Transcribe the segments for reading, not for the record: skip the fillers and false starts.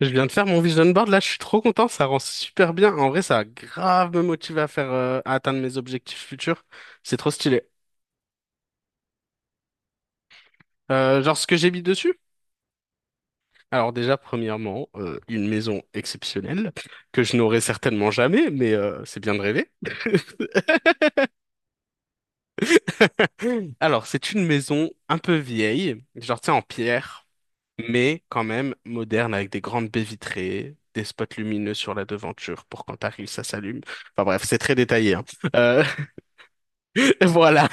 Je viens de faire mon vision board, là, je suis trop content, ça rend super bien. En vrai, ça a grave me motivé à faire, à atteindre mes objectifs futurs. C'est trop stylé. Genre, ce que j'ai mis dessus? Alors déjà, premièrement, une maison exceptionnelle, que je n'aurai certainement jamais, mais c'est bien de rêver. Alors, c'est une maison un peu vieille, genre, tu sais, en pierre, mais quand même moderne, avec des grandes baies vitrées, des spots lumineux sur la devanture pour quand t'arrives, ça s'allume. Enfin bref, c'est très détaillé, hein. Euh, Voilà.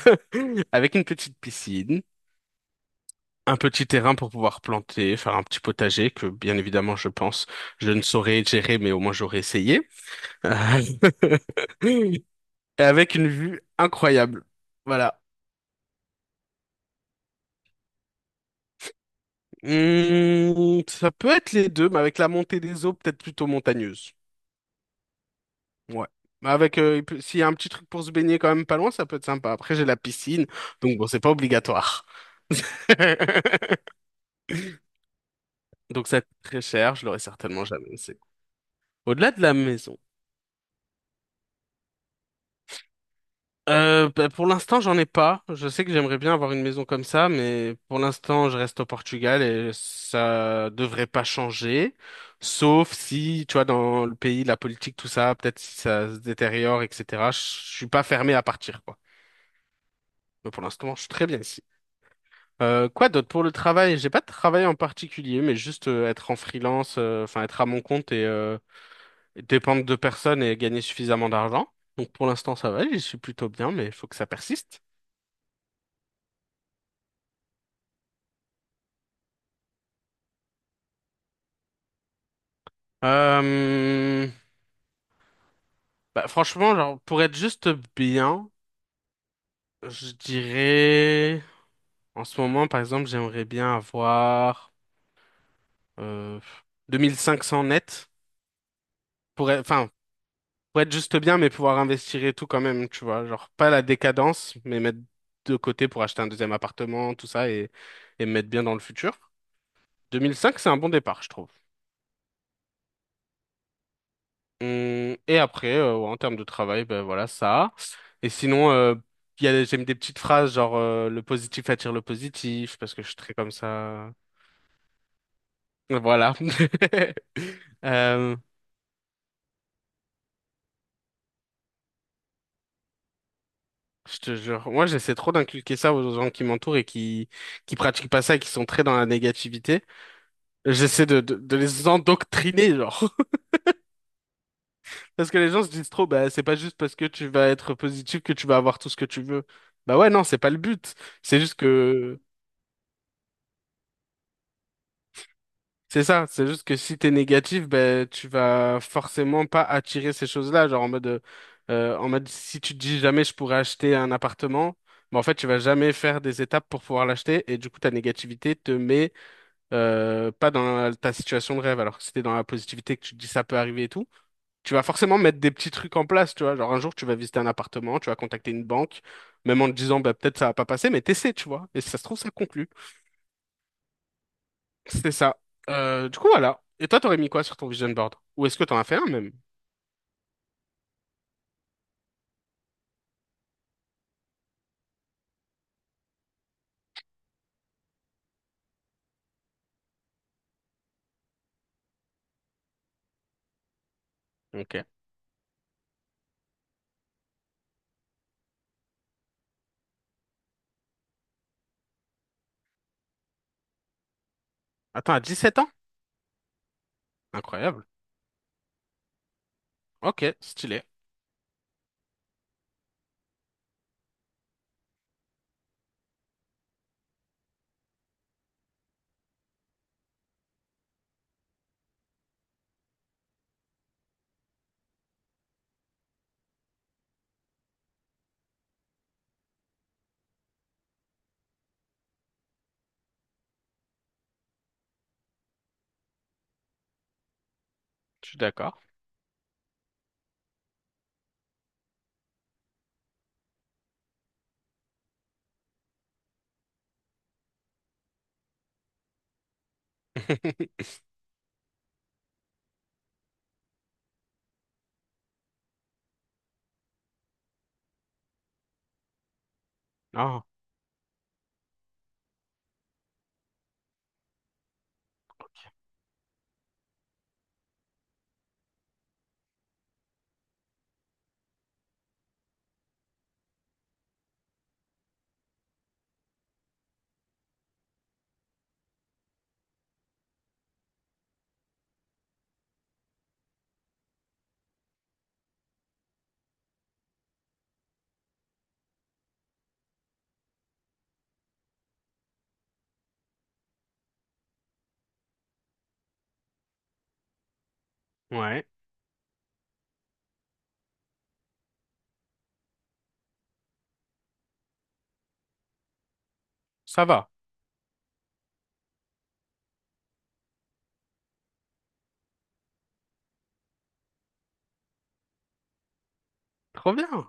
Avec une petite piscine, un petit terrain pour pouvoir planter, faire un petit potager que, bien évidemment, je pense, je ne saurais gérer, mais au moins j'aurais essayé. Euh, Et avec une vue incroyable. Voilà. Hmm, ça peut être les deux, mais avec la montée des eaux, peut-être plutôt montagneuse. Ouais. Mais avec, s'il y a un petit truc pour se baigner quand même pas loin, ça peut être sympa. Après, j'ai la piscine, donc bon, c'est pas obligatoire. Donc ça coûte très cher, je l'aurais certainement jamais. Au-delà de la maison. Pour l'instant, j'en ai pas. Je sais que j'aimerais bien avoir une maison comme ça, mais pour l'instant, je reste au Portugal et ça devrait pas changer. Sauf si, tu vois, dans le pays, la politique, tout ça, peut-être si ça se détériore, etc. Je suis pas fermé à partir, quoi. Mais pour l'instant, je suis très bien ici. Quoi d'autre pour le travail? J'ai pas de travail en particulier, mais juste être en freelance, enfin être à mon compte et dépendre de personnes et gagner suffisamment d'argent. Donc pour l'instant, ça va, je suis plutôt bien, mais il faut que ça persiste. Euh, Bah, franchement, genre, pour être juste bien, je dirais, en ce moment, par exemple, j'aimerais bien avoir euh, 2 500 net, pour être, enfin, pour être juste bien, mais pouvoir investir et tout quand même, tu vois, genre, pas la décadence, mais mettre de côté pour acheter un deuxième appartement, tout ça, et me mettre bien dans le futur. 2005, c'est un bon départ, je trouve. Et après, ouais, en termes de travail, ben voilà ça. Et sinon, il y a, j'aime des petites phrases genre le positif attire le positif parce que je suis très comme ça. Voilà. Euh, je te jure, moi j'essaie trop d'inculquer ça aux gens qui m'entourent et qui pratiquent pas ça et qui sont très dans la négativité. J'essaie de les endoctriner genre parce que les gens se disent trop bah c'est pas juste parce que tu vas être positif que tu vas avoir tout ce que tu veux. Bah ouais non c'est pas le but. C'est juste que C'est ça, c'est juste que si t'es négatif, ben tu vas forcément pas attirer ces choses-là, genre en mode si tu te dis jamais je pourrais acheter un appartement, ben en fait tu vas jamais faire des étapes pour pouvoir l'acheter et du coup ta négativité te met pas dans ta situation de rêve. Alors que si t'es dans la positivité que tu te dis ça peut arriver et tout, tu vas forcément mettre des petits trucs en place, tu vois. Genre un jour tu vas visiter un appartement, tu vas contacter une banque, même en te disant bah peut-être ça va pas passer, mais t'essaies, tu vois. Et si ça se trouve ça conclut. C'est ça. Du coup, voilà. Et toi, t'aurais mis quoi sur ton vision board? Ou est-ce que t'en as fait un même? Ok. Attends, à dix-sept ans? Incroyable. Ok, stylé. Je suis d'accord. Ah, ouais. Ça va. Trop bien.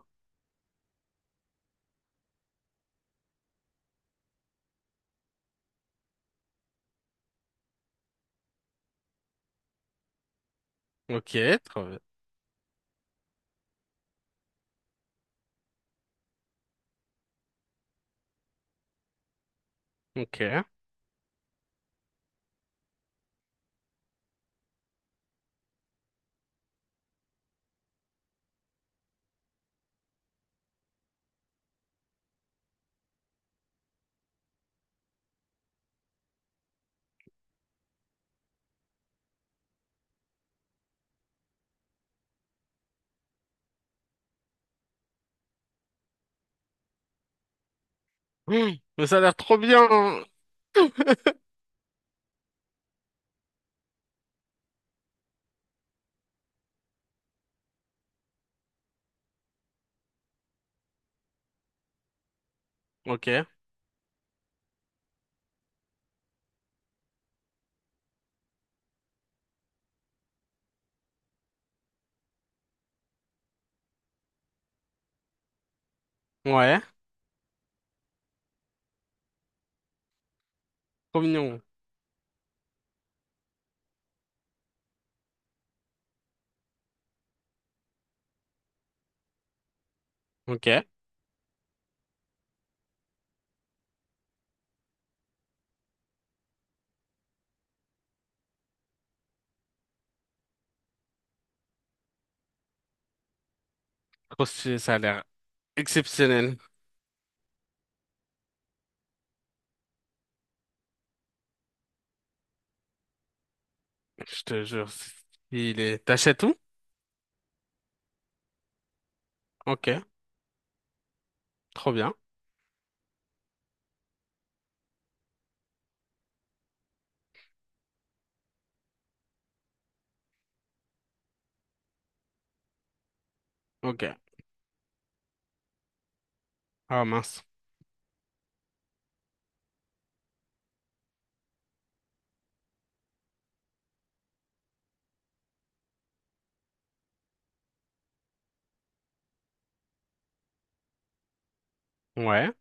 Ok, trop bien. Ok. Mmh, mais ça a l'air trop bien. Ok. Ouais. Trop mignon. Ok. Trop stylé, ça a l'air exceptionnel. Je te jure. Il est... T'achètes tout? Ok. Trop bien. Ok. Ah mince. Ouais.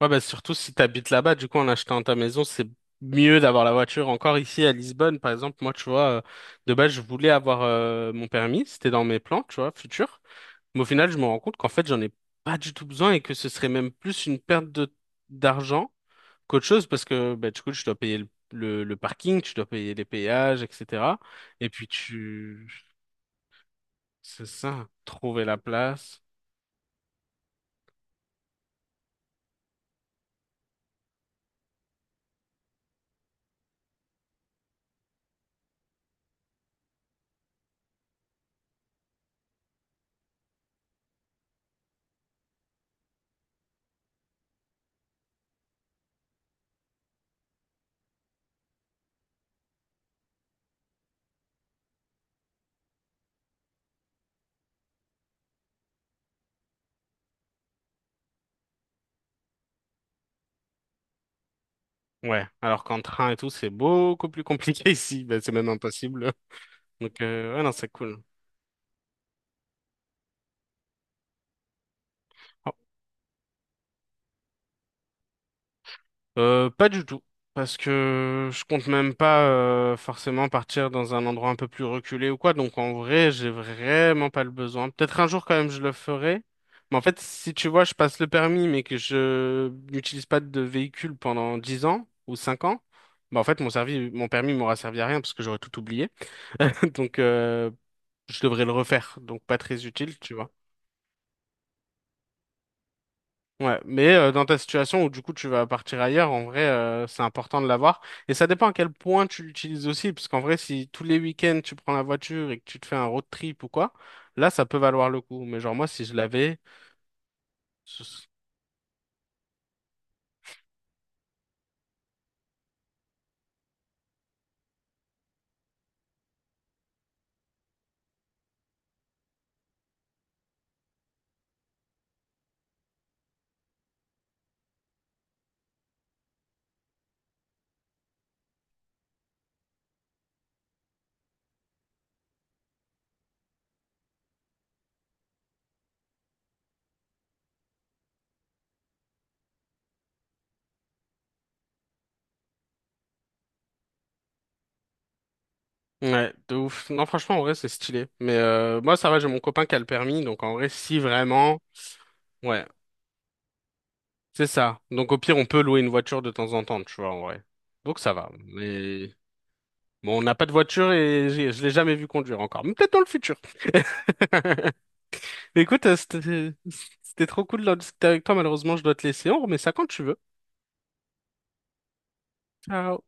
Ouais, bah surtout si t'habites là-bas, du coup, en achetant ta maison, c'est mieux d'avoir la voiture. Encore ici à Lisbonne, par exemple, moi, tu vois, de base, je voulais avoir mon permis, c'était dans mes plans, tu vois, futurs. Mais au final, je me rends compte qu'en fait, j'en ai pas du tout besoin et que ce serait même plus une perte de d'argent qu'autre chose parce que, bah, du coup, tu dois payer le parking, tu dois payer les péages, etc. Et puis, c'est ça, trouver la place. Ouais, alors qu'en train et tout, c'est beaucoup plus compliqué ici. Bah, c'est même impossible. Donc, ouais, non, c'est cool. Oh. Pas du tout, parce que je compte même pas forcément partir dans un endroit un peu plus reculé ou quoi. Donc, en vrai, j'ai vraiment pas le besoin. Peut-être un jour, quand même, je le ferai. Mais en fait, si tu vois, je passe le permis, mais que je n'utilise pas de véhicule pendant 10 ans ou 5 ans, bah, en fait, mon permis m'aura servi à rien parce que j'aurais tout oublié. Donc, je devrais le refaire. Donc, pas très utile, tu vois. Ouais, mais dans ta situation où du coup tu vas partir ailleurs, en vrai, c'est important de l'avoir. Et ça dépend à quel point tu l'utilises aussi, parce qu'en vrai, si tous les week-ends tu prends la voiture et que tu te fais un road trip ou quoi, là, ça peut valoir le coup. Mais genre moi, si je l'avais, ce- ouais, de ouf. Non, franchement, en vrai, c'est stylé. Mais moi, ça va, j'ai mon copain qui a le permis, donc en vrai, si vraiment, ouais, c'est ça. Donc au pire, on peut louer une voiture de temps en temps, tu vois, en vrai. Donc ça va. Mais bon, on n'a pas de voiture et je l'ai jamais vu conduire encore. Mais peut-être dans le futur. Mais écoute, c'était trop cool de discuter avec toi. Malheureusement, je dois te laisser. On remet ça quand tu veux. Ciao.